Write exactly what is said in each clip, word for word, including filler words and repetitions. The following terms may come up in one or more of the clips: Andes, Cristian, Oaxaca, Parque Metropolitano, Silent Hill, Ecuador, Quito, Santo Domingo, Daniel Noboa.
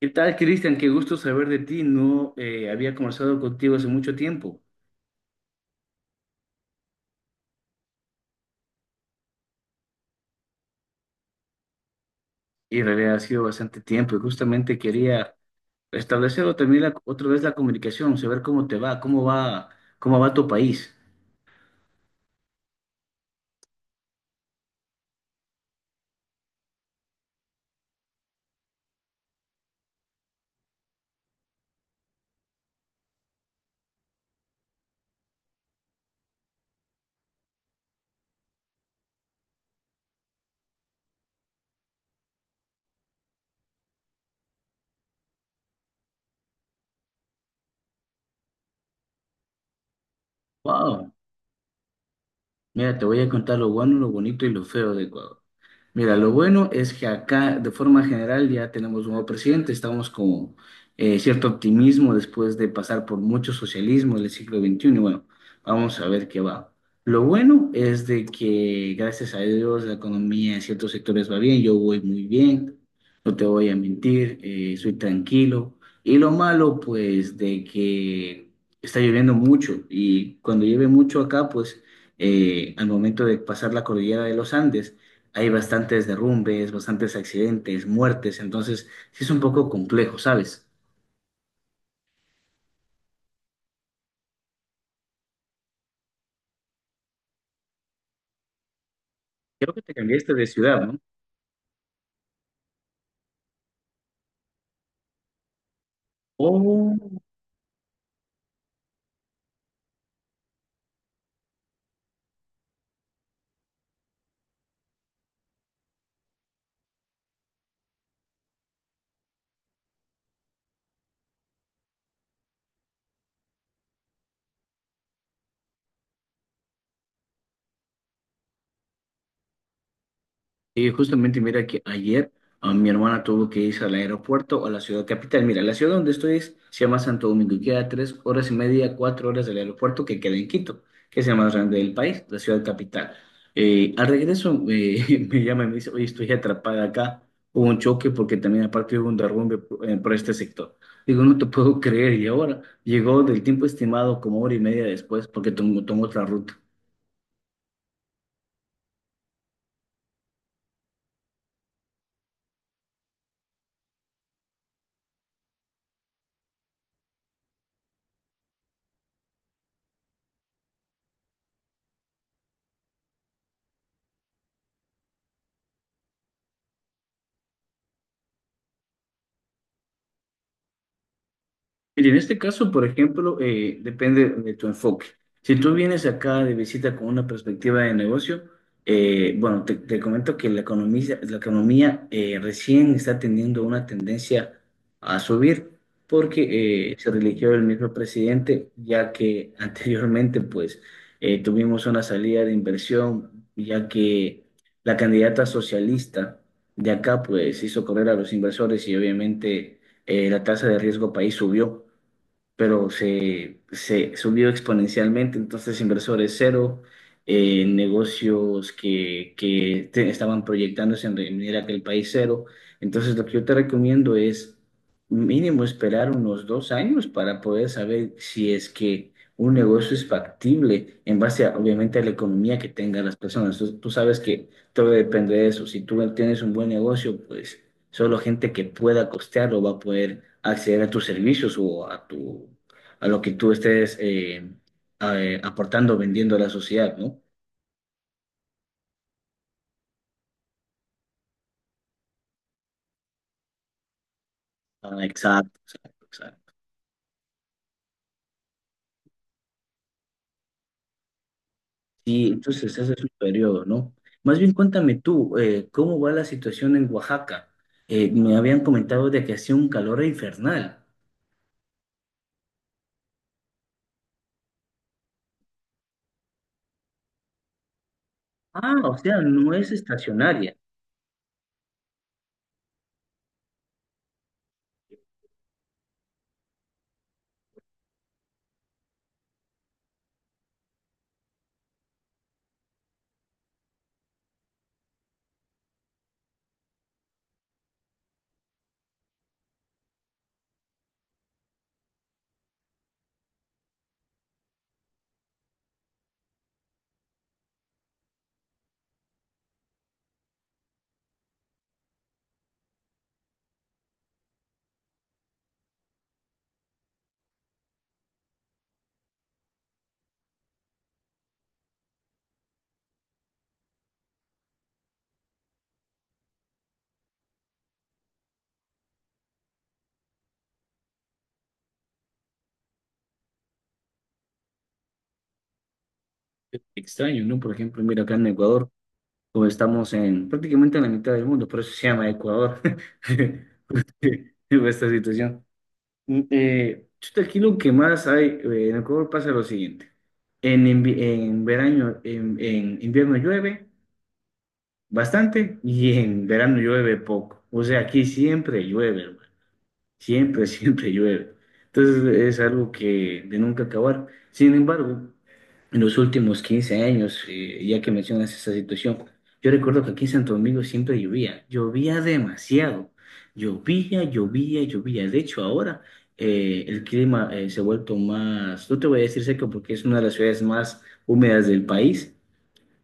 ¿Qué tal, Cristian? Qué gusto saber de ti. No eh, había conversado contigo hace mucho tiempo y en realidad ha sido bastante tiempo y justamente quería restablecer otra vez la, otra vez la comunicación, saber cómo te va, cómo va, cómo va tu país. Wow. Mira, te voy a contar lo bueno, lo bonito y lo feo de Ecuador. Mira, lo bueno es que acá, de forma general, ya tenemos un nuevo presidente, estamos con eh, cierto optimismo después de pasar por mucho socialismo del siglo veintiuno. Y bueno, vamos a ver qué va. Lo bueno es de que, gracias a Dios, la economía en ciertos sectores va bien, yo voy muy bien, no te voy a mentir, eh, soy tranquilo. Y lo malo, pues, de que está lloviendo mucho y cuando llueve mucho acá, pues eh, al momento de pasar la cordillera de los Andes, hay bastantes derrumbes, bastantes accidentes, muertes, entonces sí es un poco complejo, ¿sabes? Creo que te cambiaste de ciudad, ¿no? Oh. Y justamente mira que ayer a mi hermana tuvo que irse al aeropuerto o a la ciudad capital. Mira, la ciudad donde estoy es- se llama Santo Domingo y queda tres horas y media, cuatro horas del aeropuerto que queda en Quito, que es la más grande del país, la ciudad capital. Eh, al regreso eh, me llama y me dice, oye, estoy atrapada acá. Hubo un choque porque también aparte hubo un derrumbe por, eh, por este sector. Digo, no te puedo creer. Y ahora llegó del tiempo estimado como hora y media después porque tomó, tomó otra ruta. Mire, en este caso, por ejemplo, eh, depende de tu enfoque. Si tú vienes acá de visita con una perspectiva de negocio, eh, bueno, te, te comento que la economía, la economía eh, recién está teniendo una tendencia a subir porque eh, se religió el mismo presidente, ya que anteriormente, pues, eh, tuvimos una salida de inversión, ya que la candidata socialista de acá, pues, hizo correr a los inversores y obviamente eh, la tasa de riesgo país subió pero se, se subió exponencialmente, entonces inversores cero, eh, negocios que, que te- estaban proyectándose en venir a aquel país cero. Entonces lo que yo te recomiendo es mínimo esperar unos dos años para poder saber si es que un negocio es factible en base a, obviamente, a la economía que tengan las personas. Tú, tú sabes que todo depende de eso. Si tú tienes un buen negocio, pues... Solo gente que pueda costearlo va a poder acceder a tus servicios o a tu, a lo que tú estés eh, a- eh, aportando, vendiendo a la sociedad, ¿no? Ah, exacto, exacto. Sí, entonces ese es un periodo, ¿no? Más bien cuéntame tú, eh, ¿cómo va la situación en Oaxaca? Eh, me habían comentado de que hacía un calor infernal. Ah, o sea, no es estacionaria. Extraño, ¿no? Por ejemplo, mira acá en Ecuador, o estamos en prácticamente en la mitad del mundo, por eso se llama Ecuador, porque hubo esta situación. Mm, Eh, chuta, aquí lo que más hay, eh, en Ecuador pasa lo siguiente, en, invi- en verano, en, en invierno llueve bastante y en verano llueve poco, o sea, aquí siempre llueve, siempre, siempre llueve. Entonces es algo que de nunca acabar. Sin embargo, en los últimos quince años, eh, ya que mencionas esa situación, yo recuerdo que aquí en Santo Domingo siempre llovía, llovía demasiado, llovía, llovía, llovía. De hecho, ahora eh, el clima eh, se ha vuelto más, no te voy a decir seco porque es una de las ciudades más húmedas del país,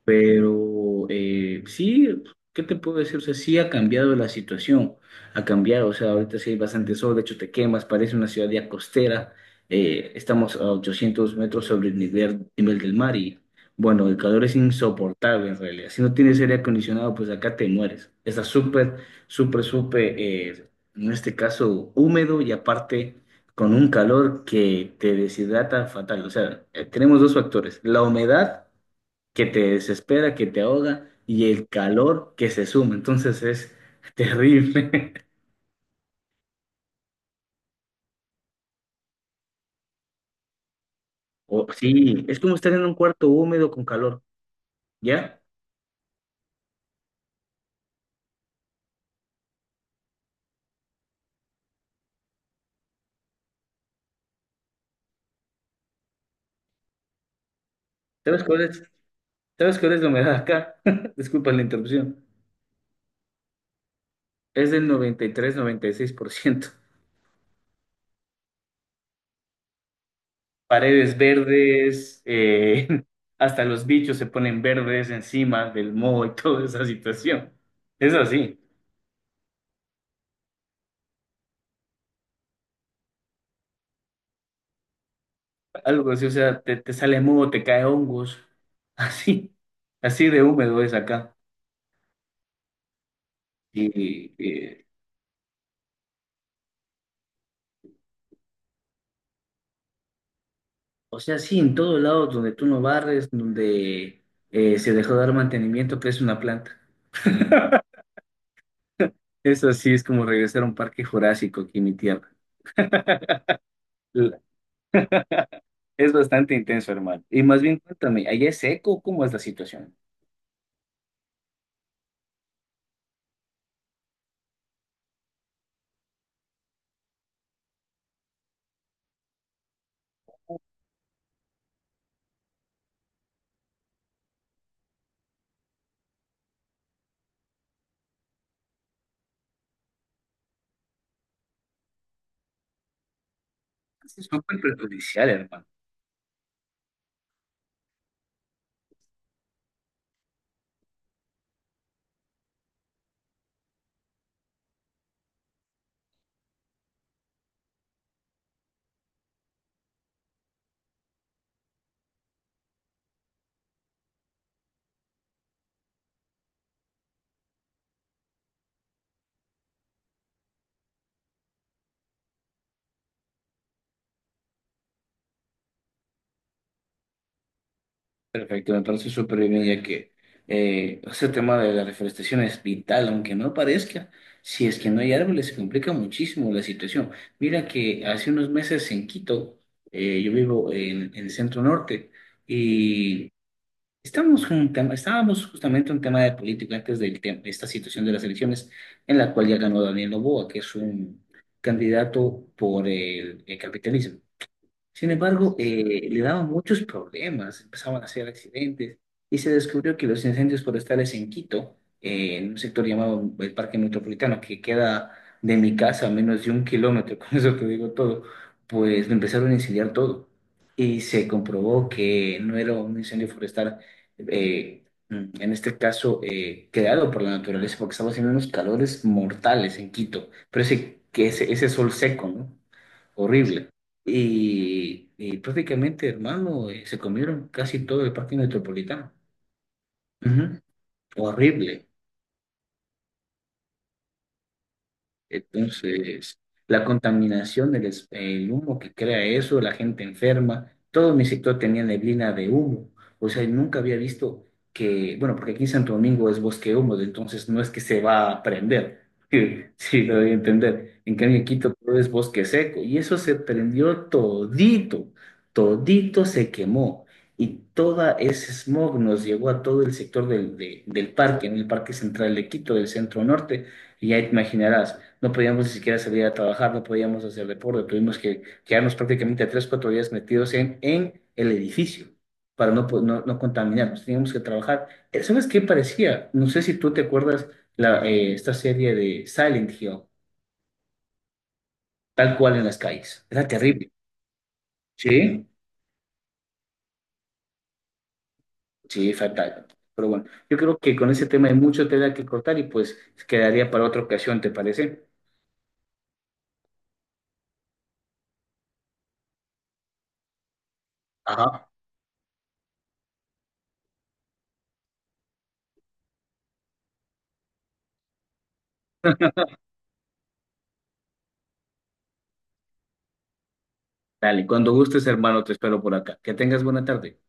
pero eh, sí, ¿qué te puedo decir? O sea, sí ha cambiado la situación, ha cambiado, o sea, ahorita sí hay bastante sol, de hecho te quemas, parece una ciudad ya costera, eh, estamos a 800 metros sobre el nivel, nivel del mar y bueno, el calor es insoportable en realidad, si no tienes aire acondicionado, pues acá te mueres, está súper, súper, súper, eh, en este caso, húmedo y aparte con un calor que te deshidrata fatal, o sea, eh, tenemos dos factores, la humedad, que te desespera, que te ahoga y el calor que se suma. Entonces es terrible. O, sí, es como estar en un cuarto húmedo con calor. ¿Ya? ¿Sabes cuál es? ¿Sabes cuál es la humedad acá? Disculpa la interrupción. Es del noventa y tres-noventa y seis por ciento. Paredes verdes, eh, hasta los bichos se ponen verdes encima del moho y toda esa situación. Es así, algo así, o sea, te, te sale moho, te cae hongos, así, así de húmedo es acá. Y, eh, o sea, sí, en todos lados donde tú no barres, donde eh, se dejó de dar mantenimiento, crece una planta. Eso sí es como regresar a un parque jurásico aquí en mi tierra. La- Es bastante intenso, hermano. Y más bien, cuéntame, ¿allá es seco? ¿Cómo es la situación? Es súper perjudicial, hermano. Perfecto, me parece súper bien, ya que eh, ese tema de la reforestación es vital, aunque no parezca. Si es que no hay árboles, se complica muchísimo la situación. Mira que hace unos meses en Quito, eh, yo vivo en, en el centro norte, y estamos con un tema- estábamos justamente en un tema de política antes del tem- de esta situación de las elecciones, en la cual ya ganó Daniel Noboa, que es un candidato por el el capitalismo. Sin embargo, eh, le daban muchos problemas, empezaban a hacer accidentes y se descubrió que los incendios forestales en Quito, eh, en un sector llamado el Parque Metropolitano, que queda de mi casa a menos de un kilómetro, con eso te digo todo, pues lo empezaron a incendiar todo. Y se comprobó que no era un incendio forestal, eh, en este caso, eh, creado por la naturaleza, porque estaba haciendo unos calores mortales en Quito, pero ese, que ese, ese sol seco, ¿no? Horrible y, y prácticamente, hermano, eh, se comieron casi todo el parque metropolitano. Ujú. Horrible. Entonces, la contaminación, el, es- el humo que crea eso, la gente enferma, todo mi sector tenía neblina de humo. O sea, nunca había visto que, bueno, porque aquí en Santo Domingo es bosque húmedo, entonces no es que se va a prender. Sí, sí, lo voy a entender. En cambio, en Quito todo es bosque seco y eso se prendió todito, todito se quemó. Y toda ese smog nos llegó a todo el sector del, de- del parque, en el Parque Central de Quito, del centro norte y ya te imaginarás, no podíamos ni siquiera salir a trabajar, no podíamos hacer deporte, tuvimos que quedarnos prácticamente tres, cuatro días metidos en, en el edificio para no, po- no, no contaminarnos, teníamos que trabajar. Eh, ¿Sabes qué parecía? No sé si tú te acuerdas la, eh, esta serie de Silent Hill, tal cual en las calles. Era terrible. Sí, sí, fatal. Pero bueno, yo creo que con ese tema hay mucho tela que cortar y pues quedaría para otra ocasión, ¿te parece? Ajá. Dale, cuando gustes, hermano, te espero por acá. Que tengas buena tarde.